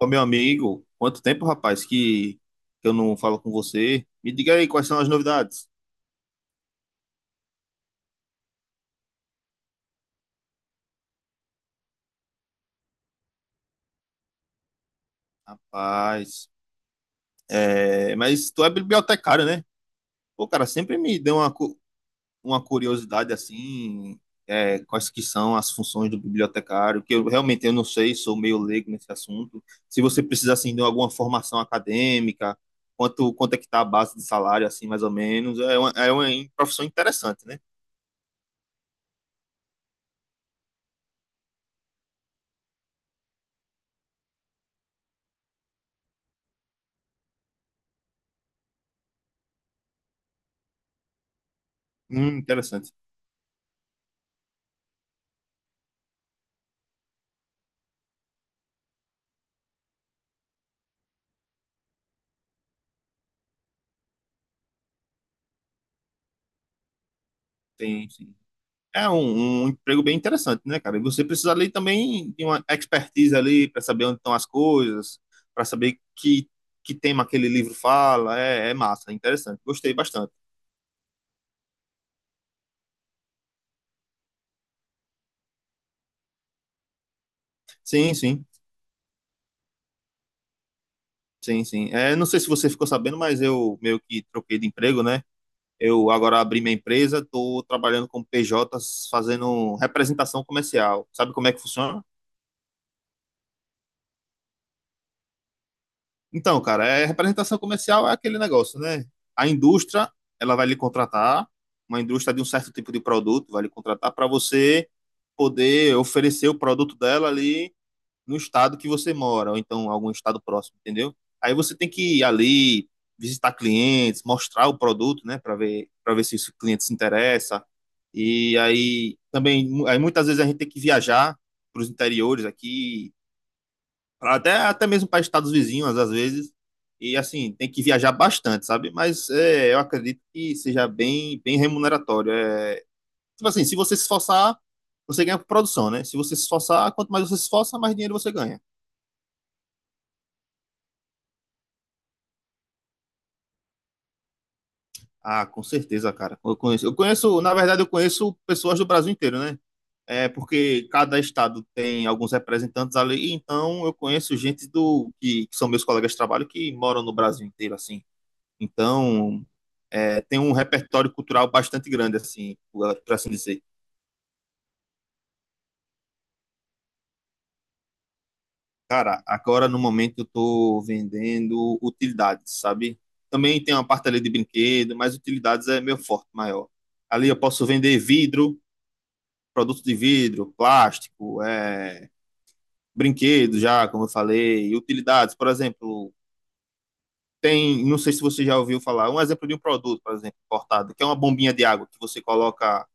Ô, meu amigo, quanto tempo, rapaz, que eu não falo com você. Me diga aí quais são as novidades. Rapaz, é, mas tu é bibliotecário, né? Pô, cara, sempre me deu uma, uma curiosidade assim, é, quais que são as funções do bibliotecário, que eu realmente eu não sei, sou meio leigo nesse assunto. Se você precisa assim de alguma formação acadêmica, quanto é que tá a base de salário assim, mais ou menos, é uma profissão interessante, né? Interessante. Tem, sim. Um emprego bem interessante, né, cara? E você precisa ali também de uma expertise ali para saber onde estão as coisas, para saber que tema aquele livro fala. É, é massa, é interessante. Gostei bastante. Sim, sim, sim, sim. É, não sei se você ficou sabendo, mas eu meio que troquei de emprego, né? Eu agora abri minha empresa, estou trabalhando com PJs, fazendo representação comercial. Sabe como é que funciona? Então, cara, é, representação comercial é aquele negócio, né? A indústria, ela vai lhe contratar, uma indústria de um certo tipo de produto vai lhe contratar para você poder oferecer o produto dela ali no estado que você mora, ou então algum estado próximo, entendeu? Aí você tem que ir ali, visitar clientes, mostrar o produto, né, para ver se o cliente se interessa. E aí também, aí muitas vezes a gente tem que viajar para os interiores aqui até mesmo para estados vizinhos, às vezes. E assim, tem que viajar bastante, sabe? Mas é, eu acredito que seja bem remuneratório. É, tipo assim, se você se esforçar, você ganha por produção, né? Se você se esforçar, quanto mais você se esforça, mais dinheiro você ganha. Ah, com certeza, cara. Na verdade, eu conheço pessoas do Brasil inteiro, né? É porque cada estado tem alguns representantes ali, então eu conheço gente que são meus colegas de trabalho que moram no Brasil inteiro, assim. Então, é, tem um repertório cultural bastante grande, assim, para assim dizer. Cara, agora no momento eu estou vendendo utilidades, sabe? Também tem uma parte ali de brinquedo, mas utilidades é meu forte, maior. Ali eu posso vender vidro, produtos de vidro, plástico, é, brinquedo já, como eu falei, e utilidades, por exemplo, tem, não sei se você já ouviu falar, um exemplo de um produto, por exemplo, cortado, que é uma bombinha de água que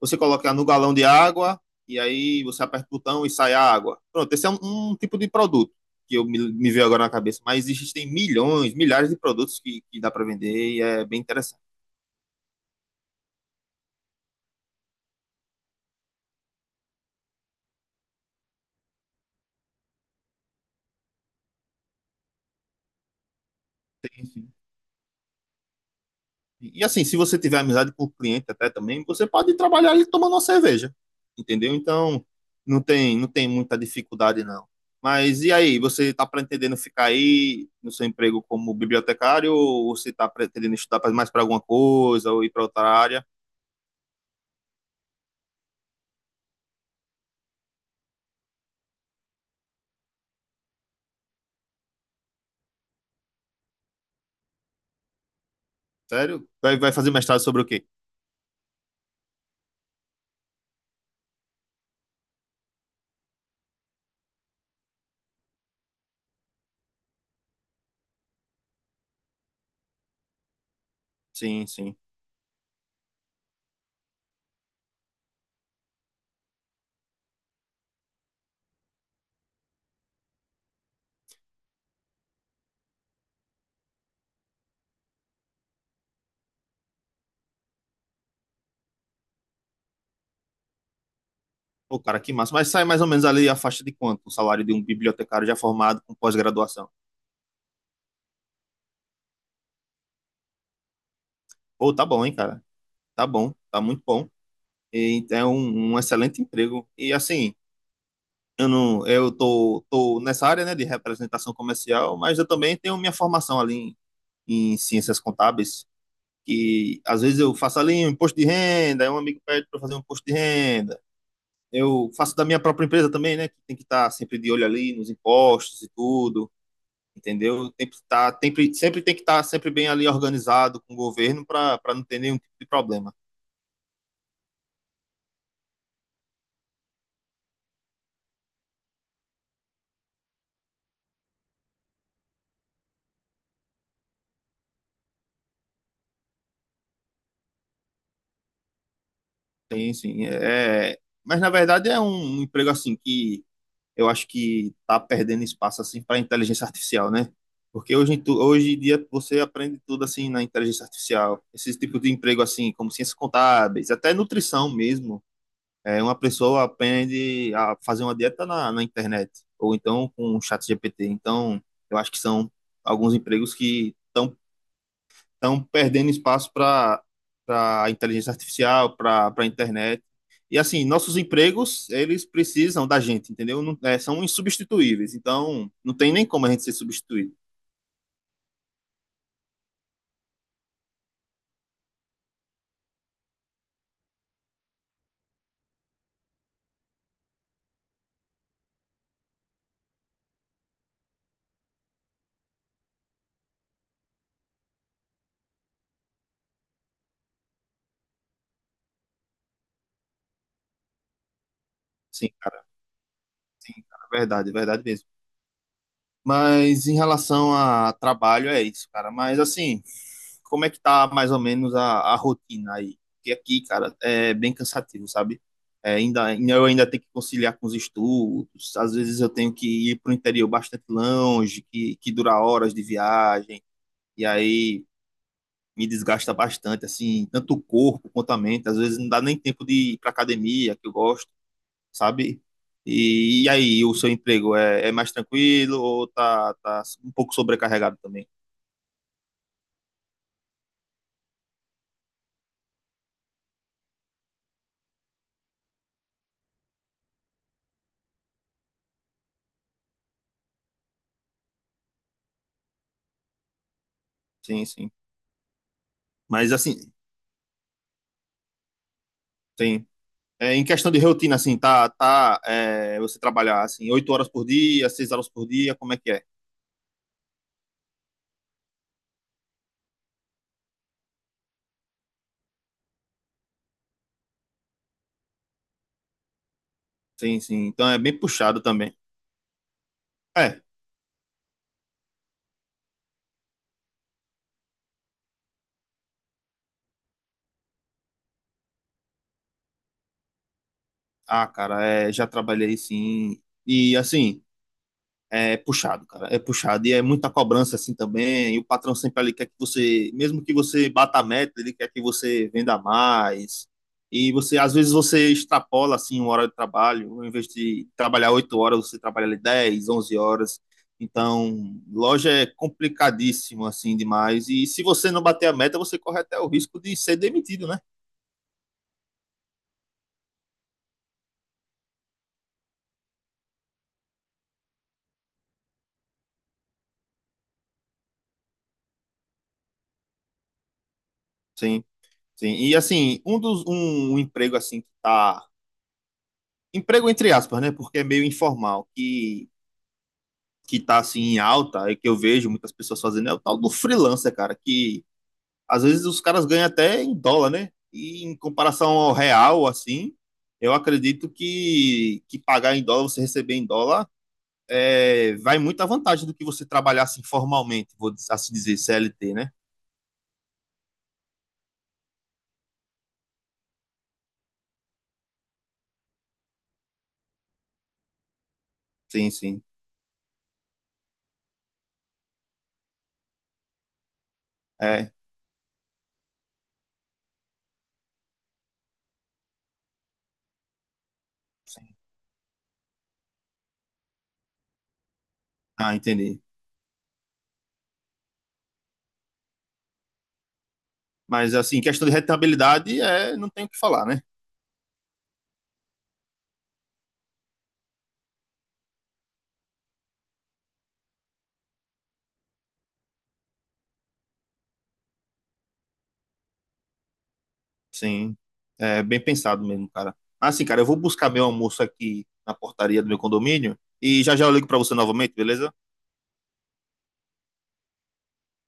você coloca no galão de água e aí você aperta o botão e sai a água. Pronto, esse é um tipo de produto que me veio agora na cabeça, mas existem milhões, milhares de produtos que dá para vender e é bem interessante. Sim, sim. E assim, se você tiver amizade com o cliente até também, você pode trabalhar ali tomando uma cerveja, entendeu? Então, não tem muita dificuldade não. Mas e aí, você está pretendendo ficar aí no seu emprego como bibliotecário ou você está pretendendo estudar mais para alguma coisa ou ir para outra área? Sério? Vai fazer mestrado sobre o quê? Sim, sim. Pô, cara, que massa. Mas sai mais ou menos ali a faixa de quanto? O salário de um bibliotecário já formado com pós-graduação. Pô, tá bom, hein, cara? Tá bom, tá muito bom. E é um, um excelente emprego. E assim, eu não, eu tô, tô nessa área, né, de representação comercial, mas eu também tenho minha formação ali em ciências contábeis, que às vezes eu faço ali um imposto de renda, aí um amigo pede para fazer um imposto de renda. Eu faço da minha própria empresa também, né? Que tem que estar sempre de olho ali nos impostos e tudo, entendeu? Tem que estar, sempre, sempre tem que estar sempre bem ali organizado com o governo para não ter nenhum tipo de problema. Tem, sim. É, mas na verdade é um emprego assim que eu acho que está perdendo espaço assim para inteligência artificial, né? Porque hoje, hoje em dia você aprende tudo assim na inteligência artificial. Esse tipo de emprego assim, como ciências contábeis, até nutrição mesmo. É, uma pessoa aprende a fazer uma dieta na internet, ou então com o chat GPT. Então, eu acho que são alguns empregos que estão perdendo espaço para a inteligência artificial, para a internet. E assim, nossos empregos, eles precisam da gente, entendeu? Não, é, são insubstituíveis. Então, não tem nem como a gente ser substituído. Sim, cara. Sim, cara. Verdade, verdade mesmo. Mas em relação a trabalho, é isso, cara. Mas assim, como é que tá mais ou menos a rotina aí? Porque aqui, cara, é bem cansativo, sabe? É, ainda, eu ainda tenho que conciliar com os estudos, às vezes eu tenho que ir para o interior bastante longe, que dura horas de viagem, e aí me desgasta bastante, assim, tanto o corpo quanto a mente. Às vezes não dá nem tempo de ir para academia, que eu gosto sabe? E aí, o seu emprego é, é mais tranquilo ou tá, tá um pouco sobrecarregado também? Sim, sim. Mas assim, sim. É, em questão de rotina, assim, tá, tá, é, você trabalhar assim, 8 horas por dia, 6 horas por dia, como é que é? Sim, sim. Então é bem puxado também. É. Ah, cara, é, já trabalhei sim. E assim, é puxado, cara. É puxado. E é muita cobrança assim também. E o patrão sempre ali quer que você, mesmo que você bata a meta, ele quer que você venda mais. E você, às vezes, você extrapola assim uma hora de trabalho. Em vez de trabalhar 8 horas, você trabalha ali 10, 11 horas. Então, loja é complicadíssimo assim demais. E se você não bater a meta, você corre até o risco de ser demitido, né? Sim, sim. E assim, um emprego assim que tá emprego entre aspas, né? Porque é meio informal, que tá assim em alta e que eu vejo muitas pessoas fazendo é o tal do freelancer, cara, que às vezes os caras ganham até em dólar, né? E em comparação ao real, assim, eu acredito que pagar em dólar, você receber em dólar, é, vai muita vantagem do que você trabalhar assim formalmente, vou assim dizer, CLT, né? Sim, sim. É. Sim. Ah, entendi. Mas assim, questão de rentabilidade, é, não tem o que falar, né? Sim, é bem pensado mesmo, cara. Assim, cara, eu vou buscar meu almoço aqui na portaria do meu condomínio e já já eu ligo pra você novamente, beleza?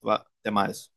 Vá, até mais.